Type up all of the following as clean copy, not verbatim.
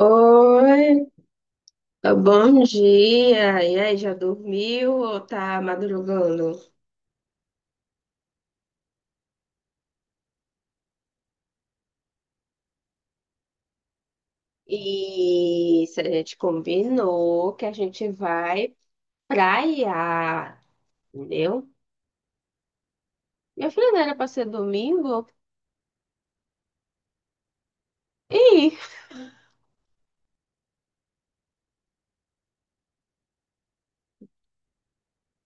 Oi, tá bom dia. E aí, já dormiu ou tá madrugando? Isso, a gente combinou que a gente vai praia, entendeu? Minha filha não era pra ser domingo? Ih,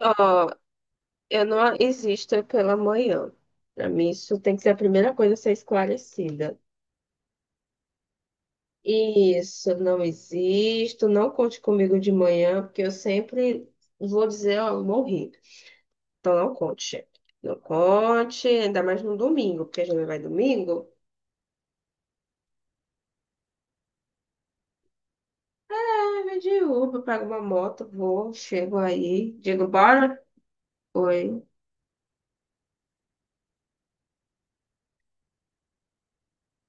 ó, eu não existo pela manhã. Pra mim, isso tem que ser a primeira coisa a ser esclarecida. Isso, não existo. Não conte comigo de manhã, porque eu sempre vou dizer, ó, morri. Então não conte. Não conte, ainda mais no domingo, porque a gente vai domingo. Ah, vai de Uber, pego uma moto, vou, chego aí, digo, bora? Oi.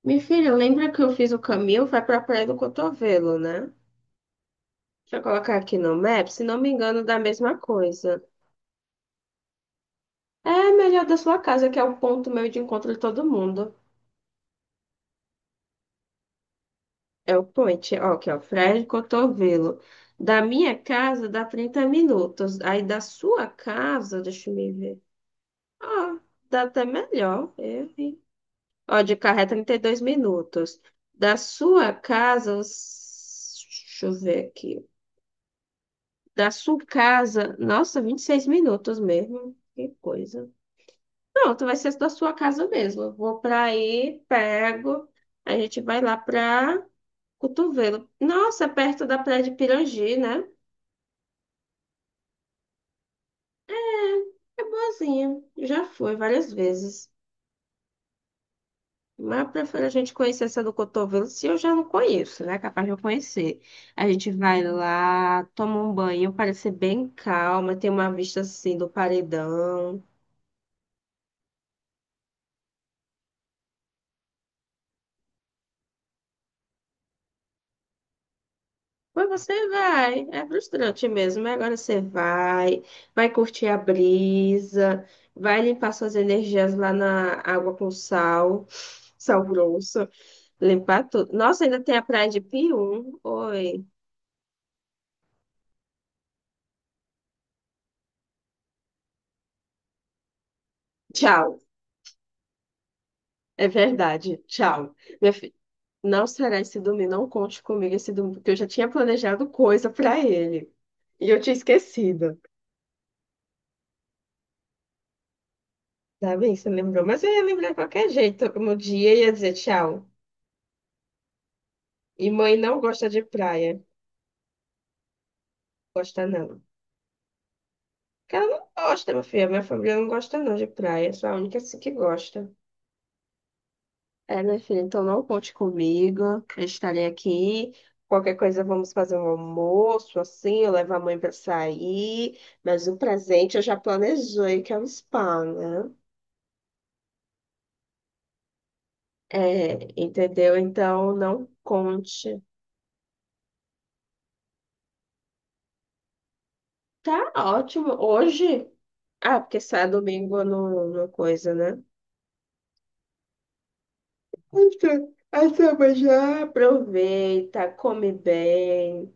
Minha filha, lembra que eu fiz o caminho? Vai pra Praia do Cotovelo, né? Deixa eu colocar aqui no Maps, se não me engano, dá a mesma coisa. É melhor da sua casa, que é o ponto meio de encontro de todo mundo. É o point, ó, que é o Praia do Cotovelo. Da minha casa dá 30 minutos. Aí da sua casa, deixa eu me ver. Ah, dá até melhor. Eu, hein? Ó, de carro é 32 minutos. Da sua casa, deixa eu ver aqui. Da sua casa, nossa, 26 minutos mesmo. Que coisa. Pronto, vai ser da sua casa mesmo. Eu vou pra aí, pego. A gente vai lá pra Cotovelo. Nossa, é perto da Praia de Pirangi, né? É boazinha. Já fui várias vezes. Mas eu prefiro a gente conhecer essa do cotovelo, se eu já não conheço, né? Capaz de eu conhecer. A gente vai lá, toma um banho, parece bem calma, tem uma vista assim do paredão. Mas você vai, é frustrante mesmo, mas agora você vai, vai curtir a brisa, vai limpar suas energias lá na água com sal, sal grosso, limpar tudo. Nossa, ainda tem a praia de Pium. Oi, tchau. É verdade, tchau. Minha fi- Não será esse domingo, não conte comigo esse domingo, porque eu já tinha planejado coisa pra ele. E eu tinha esquecido. Tá bem, você lembrou, mas eu ia lembrar de qualquer jeito. No dia eu ia dizer tchau. E mãe não gosta de praia. Gosta não. Porque ela não gosta, minha filha. Minha família não gosta não de praia. Sou a única assim que gosta. É, minha filha, então não conte comigo. Eu estarei aqui. Qualquer coisa, vamos fazer um almoço, assim, eu levo a mãe pra sair. Mas o presente eu já planejei, que é o spa, né? É, entendeu? Então, não conte. Tá ótimo. Hoje? Ah, porque sai domingo no coisa, né? Então, então, mas já aproveita, come bem.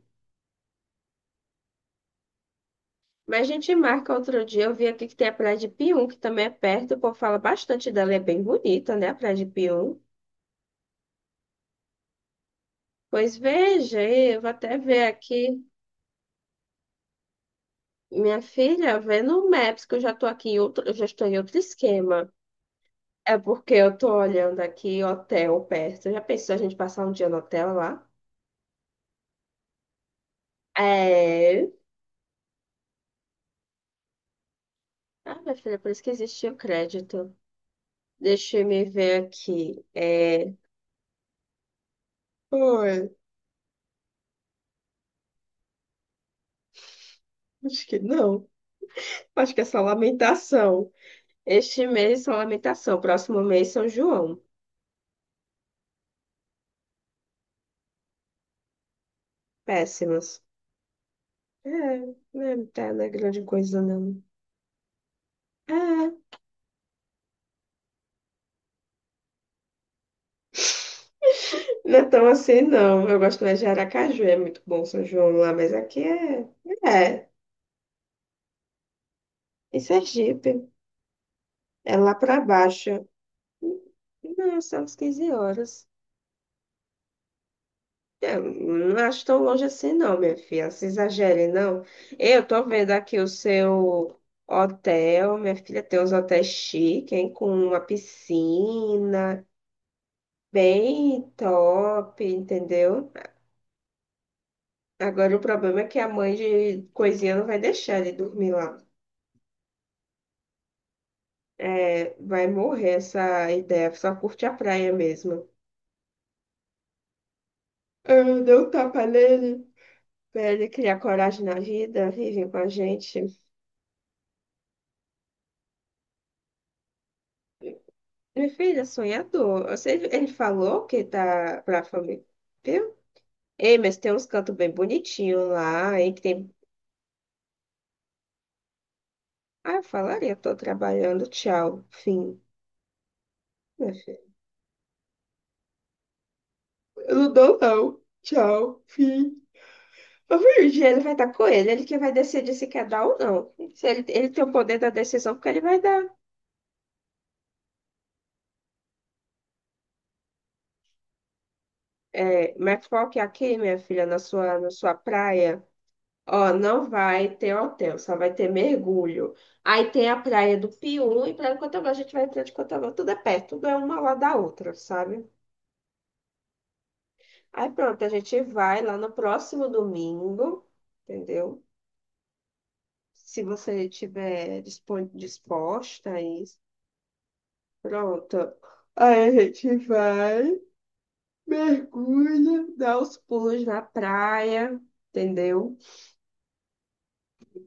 Mas a gente marca outro dia. Eu vi aqui que tem a Praia de Pium, que também é perto. O povo fala bastante dela, é bem bonita, né? A Praia de Pium. Pois veja, aí, eu vou até ver aqui. Minha filha, vê no Maps, que eu já tô aqui em outro, eu já estou em outro esquema. É porque eu tô olhando aqui hotel perto. Já pensou a gente passar um dia no hotel lá? É. Ah, minha filha, por isso que existe o crédito. Deixa eu me ver aqui. É. Oi, acho que não. Acho que é só lamentação. Este mês só lamentação. Próximo mês São João. Péssimos. É, não tá, não é grande coisa, não. É. Não é tão assim, não. Eu gosto mais de Aracaju, é muito bom São João lá, mas aqui é. É, em Sergipe. É lá para baixo. Não, são as 15 horas. É, não acho tão longe assim, não, minha filha. Se exagere, não. Eu tô vendo aqui o seu hotel. Minha filha tem uns hotéis chiques, hein? Com uma piscina. Bem top, entendeu? Agora o problema é que a mãe de coisinha não vai deixar ele dormir lá. É, vai morrer essa ideia. Só curte a praia mesmo. Eu dei um tapa nele. Pra ele criar coragem na vida, vive com a gente. Meu filho é sonhador. Ele falou que tá pra família, viu? Ei, mas tem uns cantos bem bonitinhos lá, hein? Que tem... Ah, eu falaria, tô trabalhando, tchau, fim. Meu filho. Eu não dou, não. Tchau, fim. Mas um dia ele vai estar com ele, ele que vai decidir se quer dar ou não. Se ele tem o poder da decisão, porque ele vai dar. É, mas qual que é aqui, minha filha, na sua praia? Ó, não vai ter hotel, só vai ter mergulho. Aí tem a praia do Pium e praia de Cotobá. A gente vai entrar de Cotobá, tudo é perto, tudo é uma lá da outra, sabe? Aí pronto, a gente vai lá no próximo domingo, entendeu? Se você estiver disposta a isso, pronto. Aí a gente vai, mergulha, dá os pulos na praia, entendeu?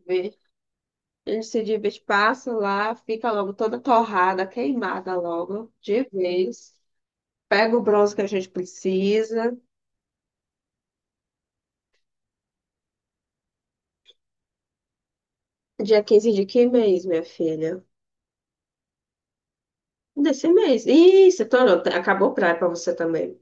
Vê A gente se divide, passa lá, fica logo toda torrada, queimada logo, de vez. Pega o bronze que a gente precisa. Dia 15 de que mês, minha filha? Desse mês. Isso, tô, acabou praia pra você também.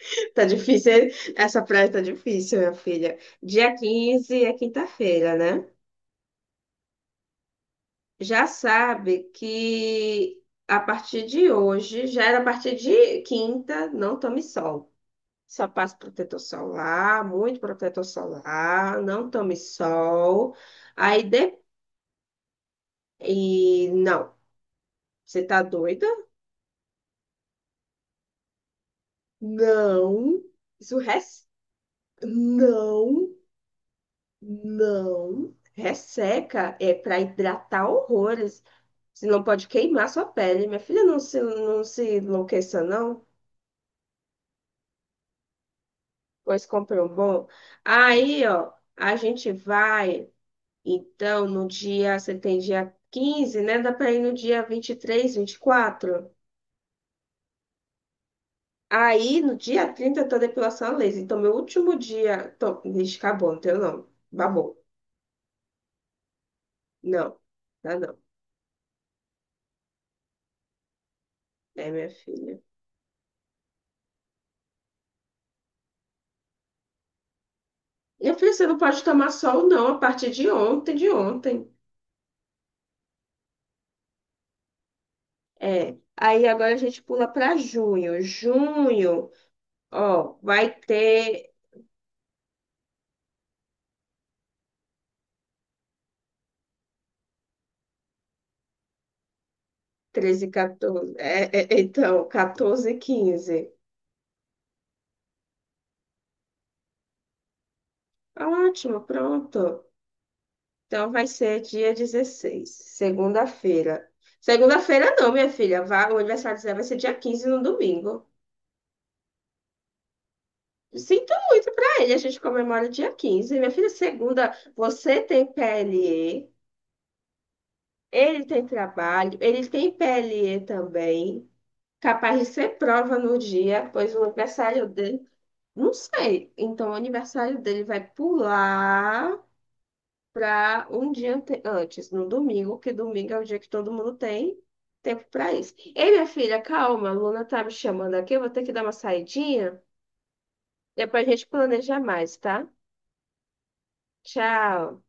Tá difícil, hein? Essa praia tá difícil, minha filha. Dia 15 é quinta-feira, né? Já sabe que a partir de hoje, já era a partir de quinta, não tome sol. Só passo protetor solar, muito protetor solar, não tome sol. Aí de... E não, você tá doida? Não. Isso res... não, não. Resseca é para hidratar horrores. Você não pode queimar sua pele. Minha filha, não se enlouqueça, não. Pois compre um bom. Aí, ó, a gente vai. Então, no dia, você tem dia 15, né? Dá para ir no dia 23, 24. Aí, no dia 30 eu tô depilação a laser. Então, meu último dia. Tô, vixe, acabou, não tenho não. Babou. Não, dá não. É, minha filha. Minha filha, você não pode tomar sol, não, a partir de ontem, de ontem. É. Aí, agora a gente pula para junho. Junho, ó, vai ter 13, 14. É, então, 14, 15. Ótimo, pronto. Então vai ser dia 16, segunda-feira. Segunda-feira não, minha filha. Vá- o aniversário do Zé vai ser dia 15 no domingo. Sinto muito pra ele, a gente comemora dia 15. Minha filha, segunda, você tem PLE, ele tem trabalho, ele tem PLE também. Capaz de ser prova no dia, pois o aniversário dele, não sei. Então o aniversário dele vai pular para um dia antes, no domingo, que domingo é o dia que todo mundo tem tempo para isso. Ei, minha filha, calma, a Luna tá me chamando aqui, eu vou ter que dar uma saidinha, depois a gente planeja mais, tá? Tchau.